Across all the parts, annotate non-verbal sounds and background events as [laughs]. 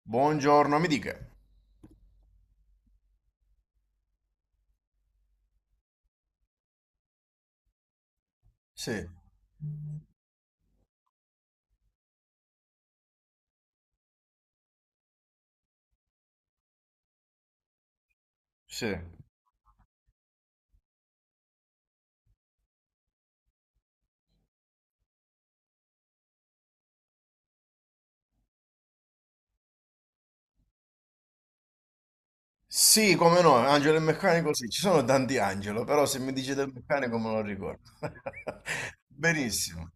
Buongiorno, mi dica. Sì, sì. Sì, come no, Angelo il meccanico, sì, ci sono tanti Angelo, però se mi dice del meccanico me lo ricordo. [laughs] Benissimo,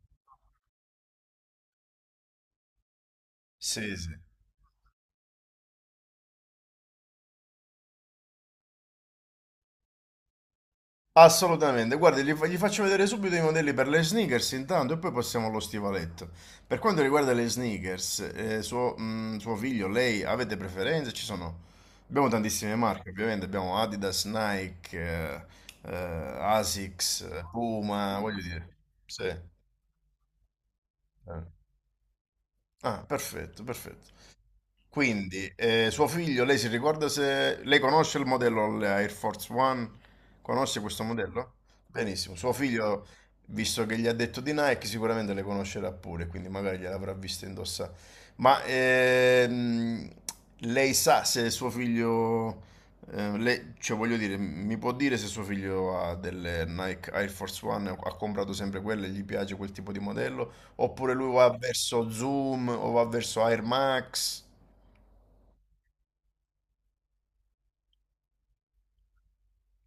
sì, sì. Assolutamente, guardi, gli faccio vedere subito i modelli per le sneakers intanto e poi passiamo allo stivaletto. Per quanto riguarda le sneakers, suo figlio, lei, avete preferenze? Ci sono... Abbiamo tantissime marche, ovviamente, abbiamo Adidas, Nike, eh, Asics, Puma, voglio dire. Sì. Eh. Ah, perfetto, perfetto. Quindi, suo figlio, lei si ricorda se lei conosce il modello la Air Force One? Conosce questo modello? Benissimo. Suo figlio, visto che gli ha detto di Nike, sicuramente le conoscerà pure, quindi magari gliel'avrà vista indossare. Ma lei sa se suo figlio, cioè voglio dire, mi può dire se suo figlio ha delle Nike Air Force One, ha comprato sempre quelle, gli piace quel tipo di modello, oppure lui va verso Zoom o va verso Air Max?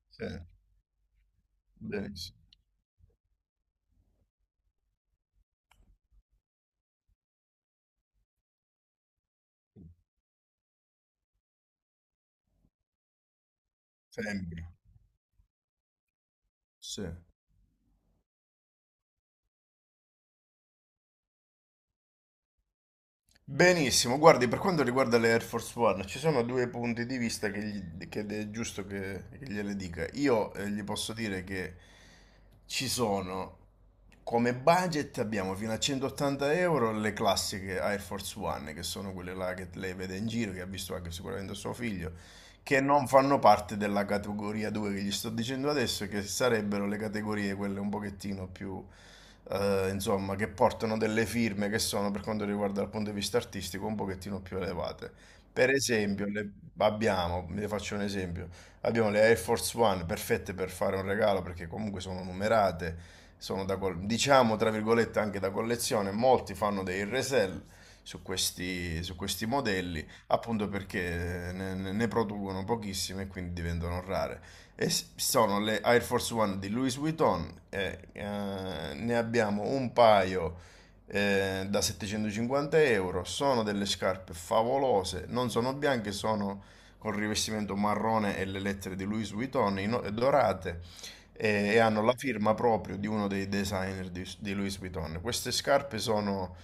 Sì, benissimo. Sembra. Sì. Benissimo, guardi, per quanto riguarda le Air Force One, ci sono due punti di vista che, che è giusto che gliele dica. Io gli posso dire che ci sono, come budget abbiamo fino a 180 euro le classiche Air Force One, che sono quelle là che lei vede in giro, che ha visto anche sicuramente suo figlio, che non fanno parte della categoria 2 che gli sto dicendo adesso, che sarebbero le categorie quelle un pochettino più, insomma, che portano delle firme che sono, per quanto riguarda dal punto di vista artistico, un pochettino più elevate. Per esempio, abbiamo, vi faccio un esempio, abbiamo le Air Force One perfette per fare un regalo perché comunque sono numerate, sono da, diciamo, tra virgolette, anche da collezione, molti fanno dei resell su questi modelli appunto perché ne, ne producono pochissime e quindi diventano rare. Sono le Air Force One di Louis Vuitton, e, ne abbiamo un paio da 750 euro, sono delle scarpe favolose, non sono bianche, sono con rivestimento marrone e le lettere di Louis Vuitton dorate, e hanno la firma proprio di uno dei designer di Louis Vuitton. Queste scarpe sono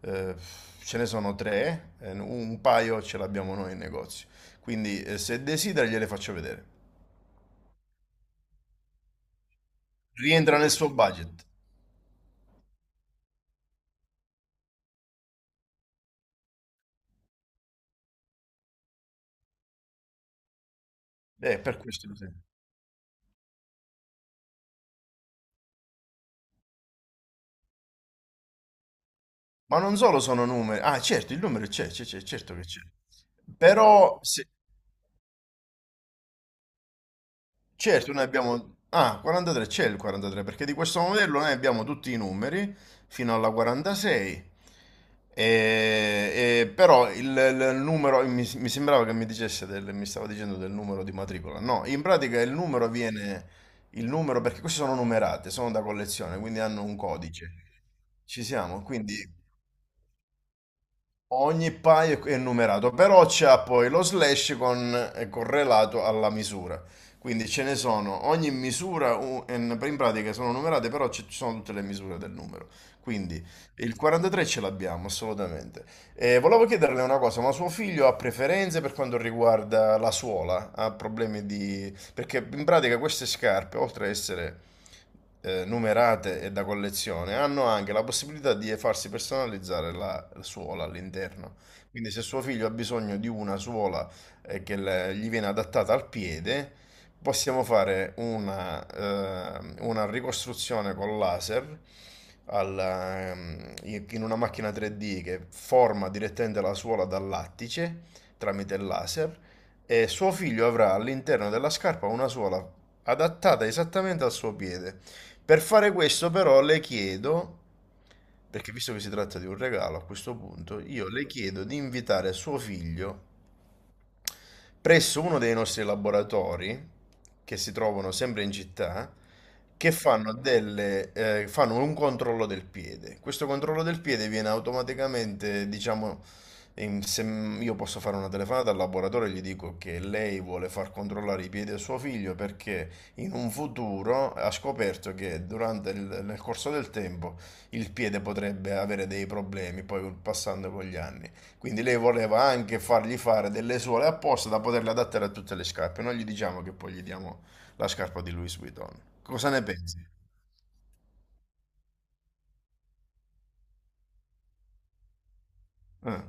eh, ce ne sono tre, un paio ce l'abbiamo noi in negozio. Quindi se desidera gliele faccio vedere. Rientra nel suo budget. Per questo lo sento. Ma non solo sono numeri. Ah, certo, il numero c'è, c'è, c'è, certo che c'è. Però se, Certo, noi abbiamo... Ah, 43 c'è il 43, perché di questo modello noi abbiamo tutti i numeri fino alla 46. E, però il numero, mi sembrava che mi dicesse mi stava dicendo del numero di matricola. No, in pratica il numero, perché queste sono numerate, sono da collezione, quindi hanno un codice. Ci siamo, quindi... Ogni paio è numerato, però c'ha poi lo slash con, è correlato alla misura. Quindi ce ne sono, ogni misura in pratica sono numerate, però ci sono tutte le misure del numero. Quindi il 43 ce l'abbiamo assolutamente. E volevo chiederle una cosa, ma suo figlio ha preferenze per quanto riguarda la suola? Ha problemi di... perché in pratica queste scarpe, oltre a essere numerate e da collezione, hanno anche la possibilità di farsi personalizzare la suola all'interno. Quindi se suo figlio ha bisogno di una suola che gli viene adattata al piede, possiamo fare una ricostruzione con laser al, in in una macchina 3D che forma direttamente la suola dal lattice tramite il laser, e suo figlio avrà all'interno della scarpa una suola adattata esattamente al suo piede. Per fare questo però le chiedo, perché visto che si tratta di un regalo a questo punto, io le chiedo di invitare suo figlio presso uno dei nostri laboratori, che si trovano sempre in città, che fanno delle, fanno un controllo del piede. Questo controllo del piede viene automaticamente, diciamo, in- se m- io posso fare una telefonata al laboratorio e gli dico che lei vuole far controllare i piedi a suo figlio perché in un futuro ha scoperto che durante il, nel corso del tempo il piede potrebbe avere dei problemi, poi passando con gli anni. Quindi lei voleva anche fargli fare delle suole apposta da poterle adattare a tutte le scarpe. Non gli diciamo che poi gli diamo la scarpa di Louis Vuitton. Cosa ne pensi? Eh.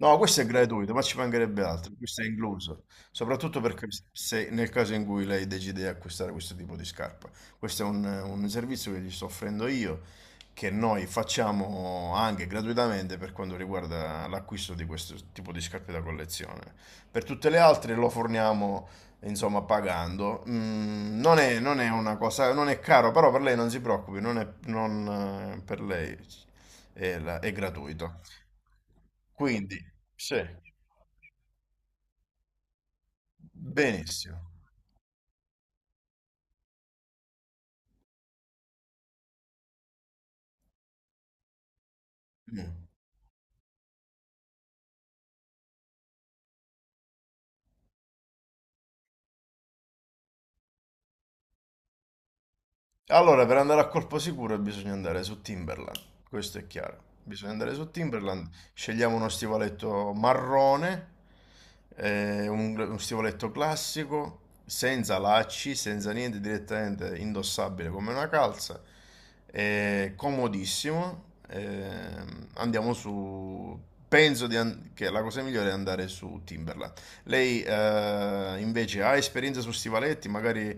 No, questo è gratuito, ma ci mancherebbe altro, questo è incluso, soprattutto perché, se, nel caso in cui lei decide di acquistare questo tipo di scarpa, questo è un servizio che gli sto offrendo io, che noi facciamo anche gratuitamente per quanto riguarda l'acquisto di questo tipo di scarpe da collezione. Per tutte le altre lo forniamo, insomma, pagando. Non è una cosa, non è caro, però per lei non si preoccupi, non è, non, per lei è gratuito. Quindi, sì, benissimo. Mm. Allora, per andare a colpo sicuro bisogna andare su Timberland, questo è chiaro. Bisogna andare su Timberland, scegliamo uno stivaletto marrone, uno stivaletto classico, senza lacci, senza niente, direttamente indossabile come una calza, comodissimo. Andiamo su... Penso che la cosa migliore è andare su Timberland. Lei invece ha esperienza su stivaletti, magari...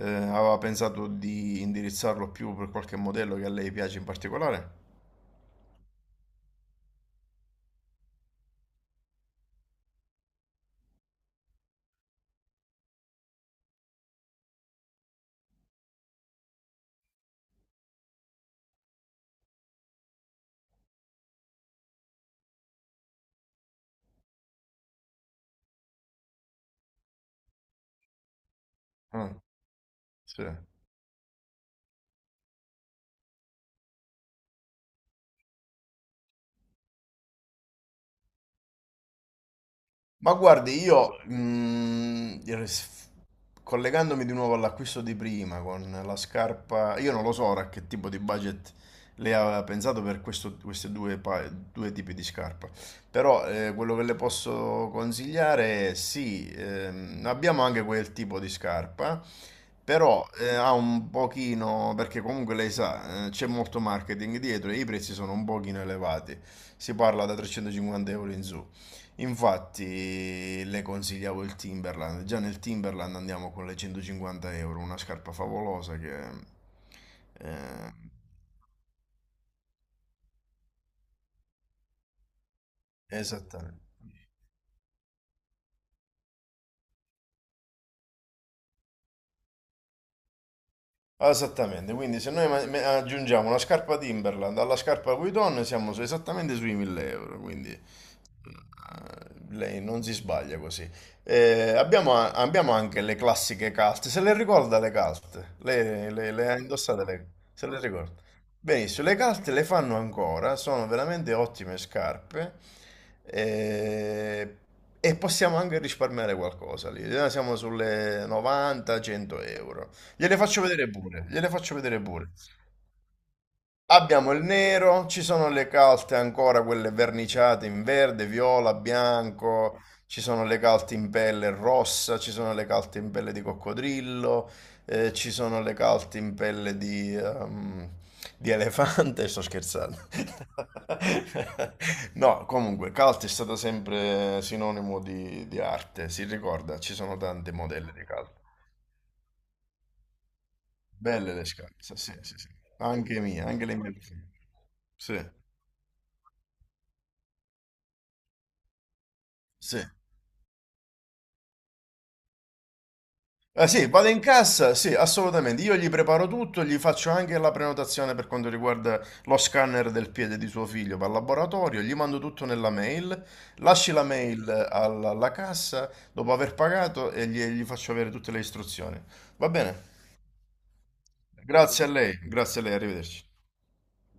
Aveva pensato di indirizzarlo più per qualche modello che a lei piace in particolare? Ah, sì. Ma guardi, io collegandomi di nuovo all'acquisto di prima con la scarpa, io non lo so ora che tipo di budget lei aveva pensato per questi due tipi di scarpa, però quello che le posso consigliare è sì, abbiamo anche quel tipo di scarpa, però ha un pochino, perché comunque lei sa, c'è molto marketing dietro e i prezzi sono un pochino elevati, si parla da 350 euro in su. Infatti le consigliavo il Timberland, già nel Timberland andiamo con le 150 euro, una scarpa favolosa che... eh, esattamente. Esattamente, quindi se noi aggiungiamo una scarpa Timberland alla scarpa Vuitton siamo esattamente sui 1000 euro, quindi lei non si sbaglia così. Abbiamo anche le classiche calte, se le ricorda le calte? Lei le ha indossate se le ricorda? Benissimo, le calte le fanno ancora, sono veramente ottime scarpe eh, e possiamo anche risparmiare qualcosa lì. Siamo sulle 90-100 euro. Gliele faccio vedere pure, gliele faccio vedere pure. Abbiamo il nero, ci sono le calte ancora, quelle verniciate in verde, viola, bianco, ci sono le calte in pelle rossa, ci sono le calte in pelle di coccodrillo, ci sono le calte in pelle di elefante, [laughs] sto scherzando. [laughs] No, comunque, calte è stato sempre sinonimo di arte, si ricorda, ci sono tanti modelli di calte. Belle le scarpe, sì, sì, sì. Anche mie, anche le mie preferite. Sì, sì. Ah, sì, vado in cassa, sì, assolutamente. Io gli preparo tutto, gli faccio anche la prenotazione per quanto riguarda lo scanner del piede di suo figlio per laboratorio, gli mando tutto nella mail, lasci la mail alla cassa dopo aver pagato e gli faccio avere tutte le istruzioni. Va bene? Grazie a lei, arrivederci.